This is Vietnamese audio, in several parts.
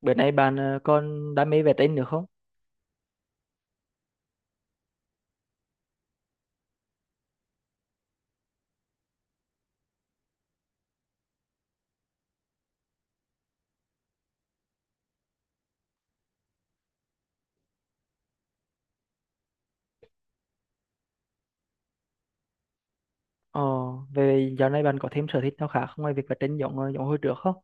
Bữa nay bạn còn đam mê vẽ tranh nữa không? Ờ, về dạo này bạn có thêm sở thích nào khác ngoài việc vẽ tranh giống hồi trước không?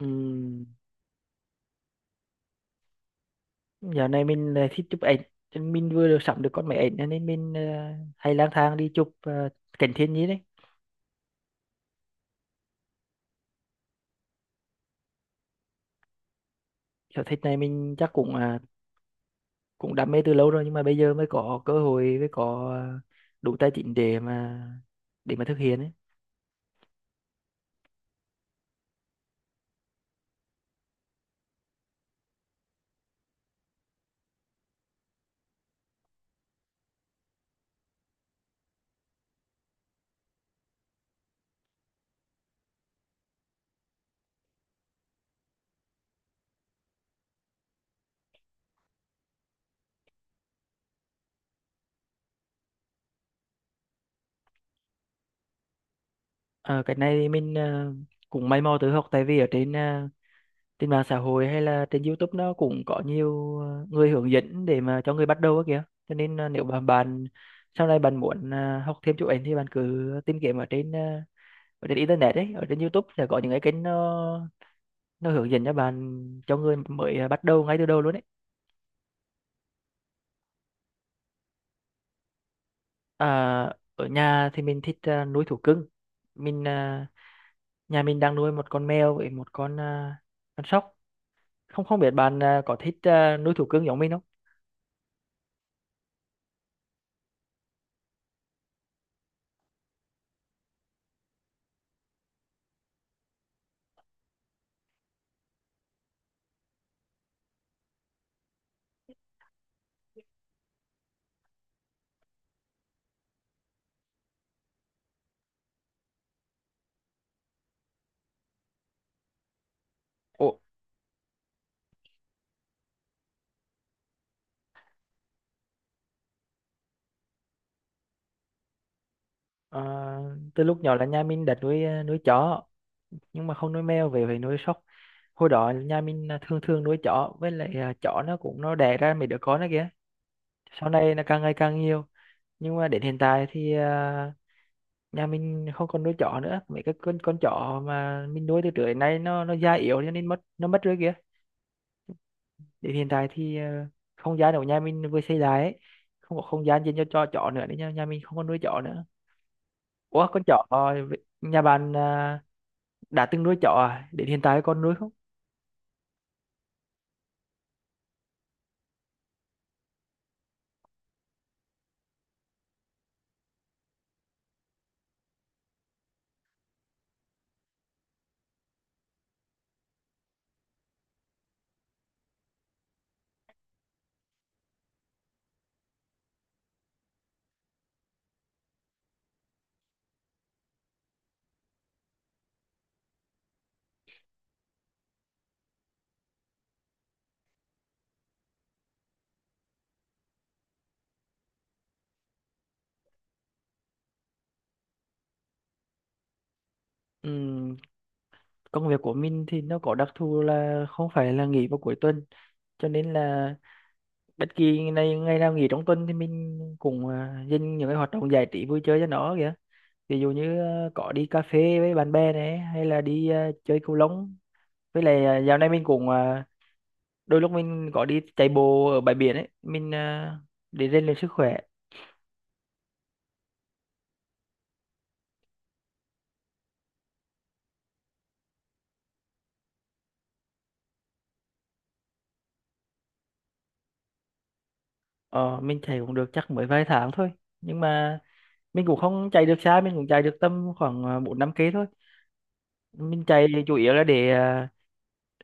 Ừm, dạo này mình lại thích chụp ảnh. Cho nên mình vừa được sắm được con máy ảnh, cho nên mình hay lang thang đi chụp cảnh thiên nhiên đấy. Sở thích này mình chắc cũng đam mê từ lâu rồi, nhưng mà bây giờ mới có cơ hội, mới đủ tài chính để mà thực hiện ấy. Ờ, cái này thì mình cũng may mò tự học, tại vì trên mạng xã hội hay là trên YouTube nó cũng có nhiều người hướng dẫn để mà cho người bắt đầu á kìa. Cho nên, nếu mà bạn sau này bạn muốn học thêm chụp ảnh thì bạn cứ tìm kiếm ở trên internet ấy, ở trên YouTube sẽ có những cái kênh nó hướng dẫn cho bạn, cho người mới bắt đầu ngay từ đầu luôn ấy. À, ở nhà thì mình thích nuôi thú cưng. mình ờ, Nhà mình đang nuôi một con mèo với một con sóc. Không không biết bạn có thích nuôi thú cưng giống mình không? Ủa. Ờ, từ lúc nhỏ là nhà mình đã nuôi chó, nhưng mà không nuôi mèo về phải nuôi sóc. Hồi đó nhà mình là thường thường nuôi chó, với lại chó nó cũng nó đẻ ra mấy đứa con đó kìa. Sau này nó càng ngày càng nhiều, nhưng mà đến hiện tại thì nhà mình không còn nuôi chó nữa. Mấy cái con chó mà mình nuôi từ trước đến nay nó già yếu cho nên nó mất rồi kìa. Đến hiện tại thì không gian ở nhà mình vừa xây lại ấy, không có không gian dành cho chó nữa nên nhà mình không còn nuôi chó nữa. Ủa, con chó, nhà bạn đã từng nuôi chó à, đến hiện tại còn nuôi không? Ừm, công việc của mình thì nó có đặc thù là không phải là nghỉ vào cuối tuần, cho nên là bất kỳ ngày ngày nào nghỉ trong tuần thì mình cũng dành những cái hoạt động giải trí vui chơi cho nó kìa. Ví dụ như có đi cà phê với bạn bè này, hay là đi chơi cầu lông, với lại dạo này mình đôi lúc mình có đi chạy bộ ở bãi biển ấy, mình để rèn luyện sức khỏe. Ờ, mình chạy cũng được chắc mới vài tháng thôi, nhưng mà mình cũng không chạy được xa, mình cũng chạy được tầm khoảng 4-5 cây thôi. Mình chạy thì chủ yếu là để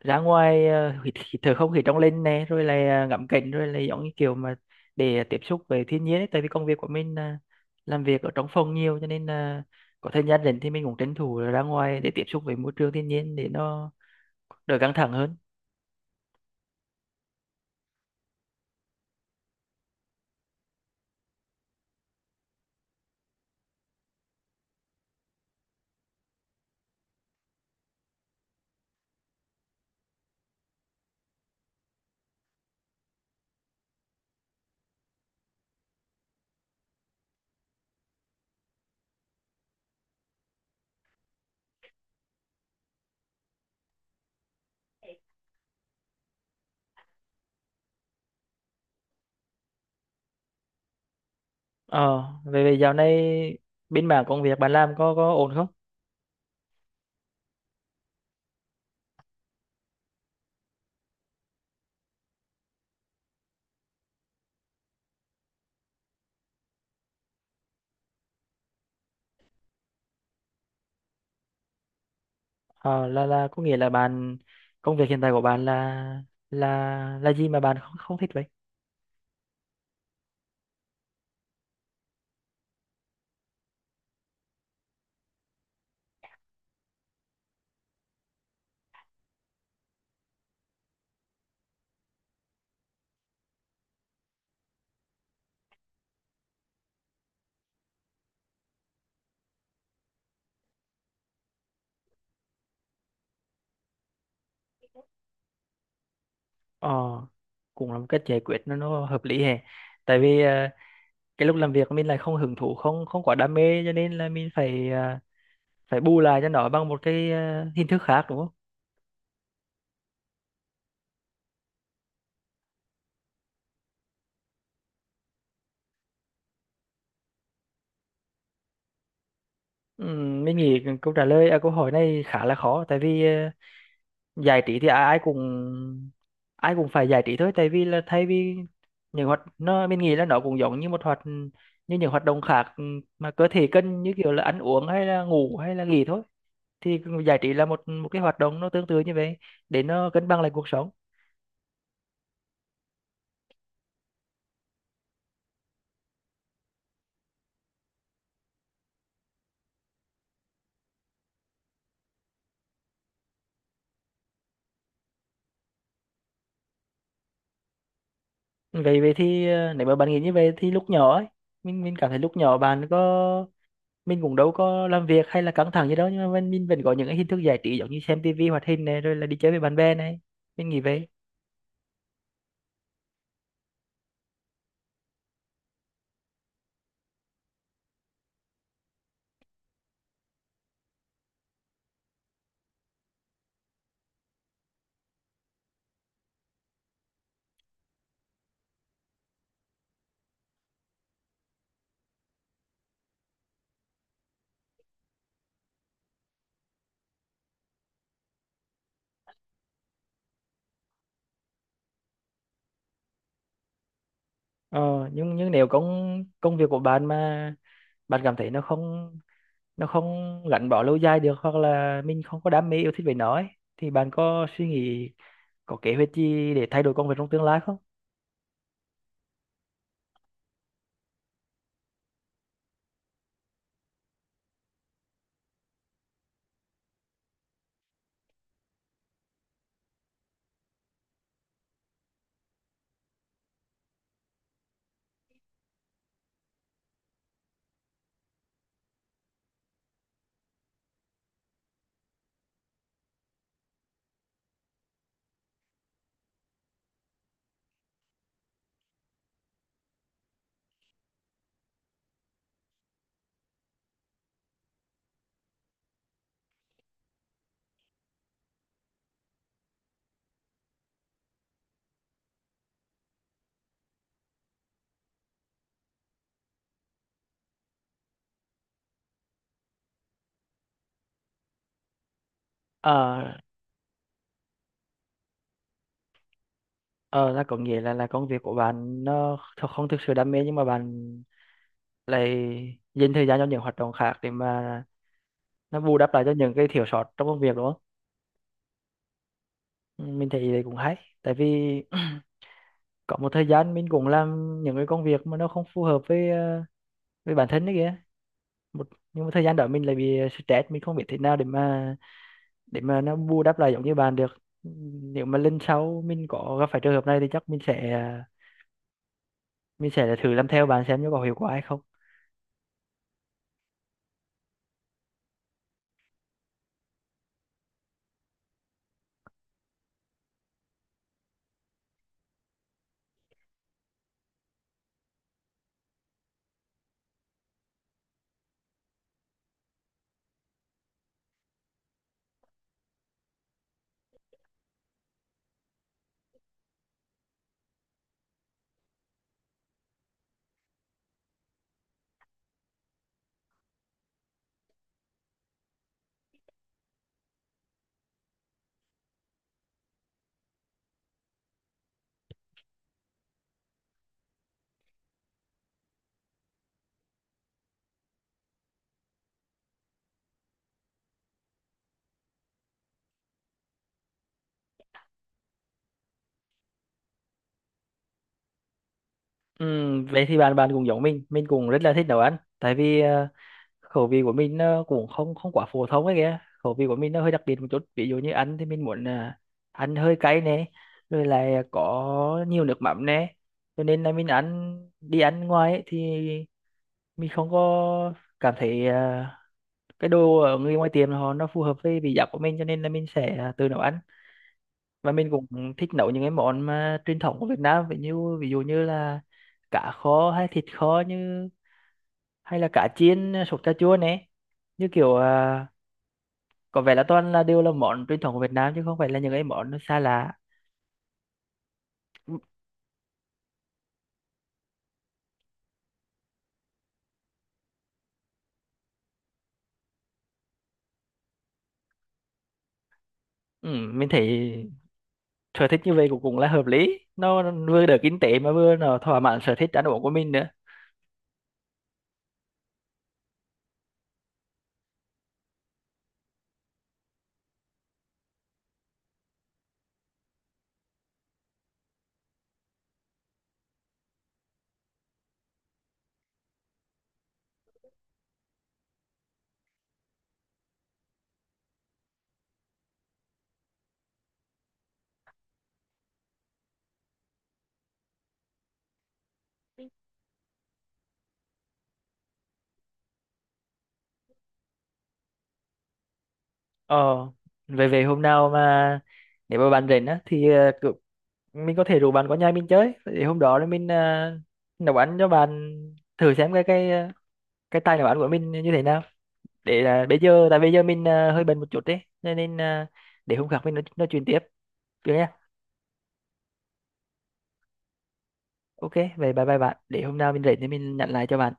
ra ngoài, hít thở không khí trong lành này, rồi là ngắm cảnh, rồi là giống như kiểu mà để tiếp xúc với thiên nhiên ấy. Tại vì công việc của mình là làm việc ở trong phòng nhiều, cho nên là có thời gian rảnh thì mình cũng tranh thủ là ra ngoài để tiếp xúc với môi trường thiên nhiên để nó đỡ căng thẳng hơn. Ờ về về dạo này bên mảng công việc bạn làm có ổn không? Ờ, là có nghĩa là bạn, công việc hiện tại của bạn là gì mà bạn không không thích vậy? Ờ, cũng là một cách giải quyết, nó hợp lý hè. Tại vì cái lúc làm việc mình lại không hứng thú, không không quá đam mê, cho nên là mình phải bù lại cho nó bằng một cái hình thức khác, đúng không? Mình nghĩ câu câu hỏi này khá là khó. Tại vì giải trí thì ai ai cũng phải giải trí thôi. Tại vì là thay vì những hoạt nó mình nghĩ là nó cũng giống như một hoạt như những hoạt động khác, mà cơ thể cần như kiểu là ăn uống hay là ngủ hay là nghỉ thôi. Thì giải trí là một một cái hoạt động nó tương tự như vậy để nó cân bằng lại cuộc sống. Vậy vậy thì ờ, nếu mà bạn nghĩ như vậy thì lúc nhỏ ấy, mình cảm thấy lúc nhỏ bạn có, mình cũng đâu có làm việc hay là căng thẳng gì đâu, nhưng mà mình vẫn có những cái hình thức giải trí giống như xem tivi hoạt hình này, rồi là đi chơi với bạn bè này. Mình nghĩ vậy. Nhưng nếu công công việc của bạn mà bạn cảm thấy nó không gắn bó lâu dài được, hoặc là mình không có đam mê yêu thích về nó ấy, thì bạn có suy nghĩ, có kế hoạch gì để thay đổi công việc trong tương lai không? Ờ, ờ là có nghĩa là công việc của bạn nó không thực sự đam mê, nhưng mà bạn lại dành thời gian cho những hoạt động khác để mà nó bù đắp lại cho những cái thiếu sót trong công việc, đúng không? Ừ, mình thấy đấy cũng hay. Tại vì có một thời gian mình cũng làm những cái công việc mà nó không phù hợp với bản thân đấy kìa. Một, nhưng mà thời gian đó mình lại bị stress, mình không biết thế nào để mà nó bù đắp lại giống như bạn được. Nếu mà lần sau mình có gặp phải trường hợp này thì chắc mình sẽ thử làm theo bạn xem nó có hiệu quả hay không. Vậy thì bạn bạn cũng giống mình cũng rất là thích nấu ăn. Tại vì khẩu vị của mình nó cũng không không quá phổ thông ấy kìa, khẩu vị của mình nó hơi đặc biệt một chút. Ví dụ như ăn thì mình muốn ăn hơi cay nè, rồi lại có nhiều nước mắm nè, cho nên là mình ăn đi ăn ngoài ấy, thì mình không có cảm thấy cái đồ ở người ngoài tiệm họ nó phù hợp với vị giác của mình, cho nên là mình sẽ tự nấu ăn. Và mình cũng thích nấu những cái món mà truyền thống của Việt Nam, ví dụ như là cá kho hay thịt kho, hay là cá chiên sốt cà chua này. Như kiểu có vẻ là toàn là đều là món truyền thống của Việt Nam, chứ không phải là những cái món nó xa lạ. Ừ. Ừ, mình thấy sở thích như vậy cũng cũng là hợp lý, nó vừa đỡ kinh tế mà vừa nó thỏa mãn sở thích ăn uống của mình nữa. Ờ, về về hôm nào mà nếu mà bạn rảnh á, mình có thể rủ bạn qua nhà mình chơi. Thì hôm đó là mình nấu ăn cho bạn, thử xem cái tay nấu ăn của mình như thế nào. Để là Bây giờ tại bây giờ mình hơi bận một chút đấy, cho nên để hôm khác mình nói chuyện tiếp, được nha. Ok, vậy bye bye bạn. Để hôm nào mình rảnh thì mình nhận lại cho bạn.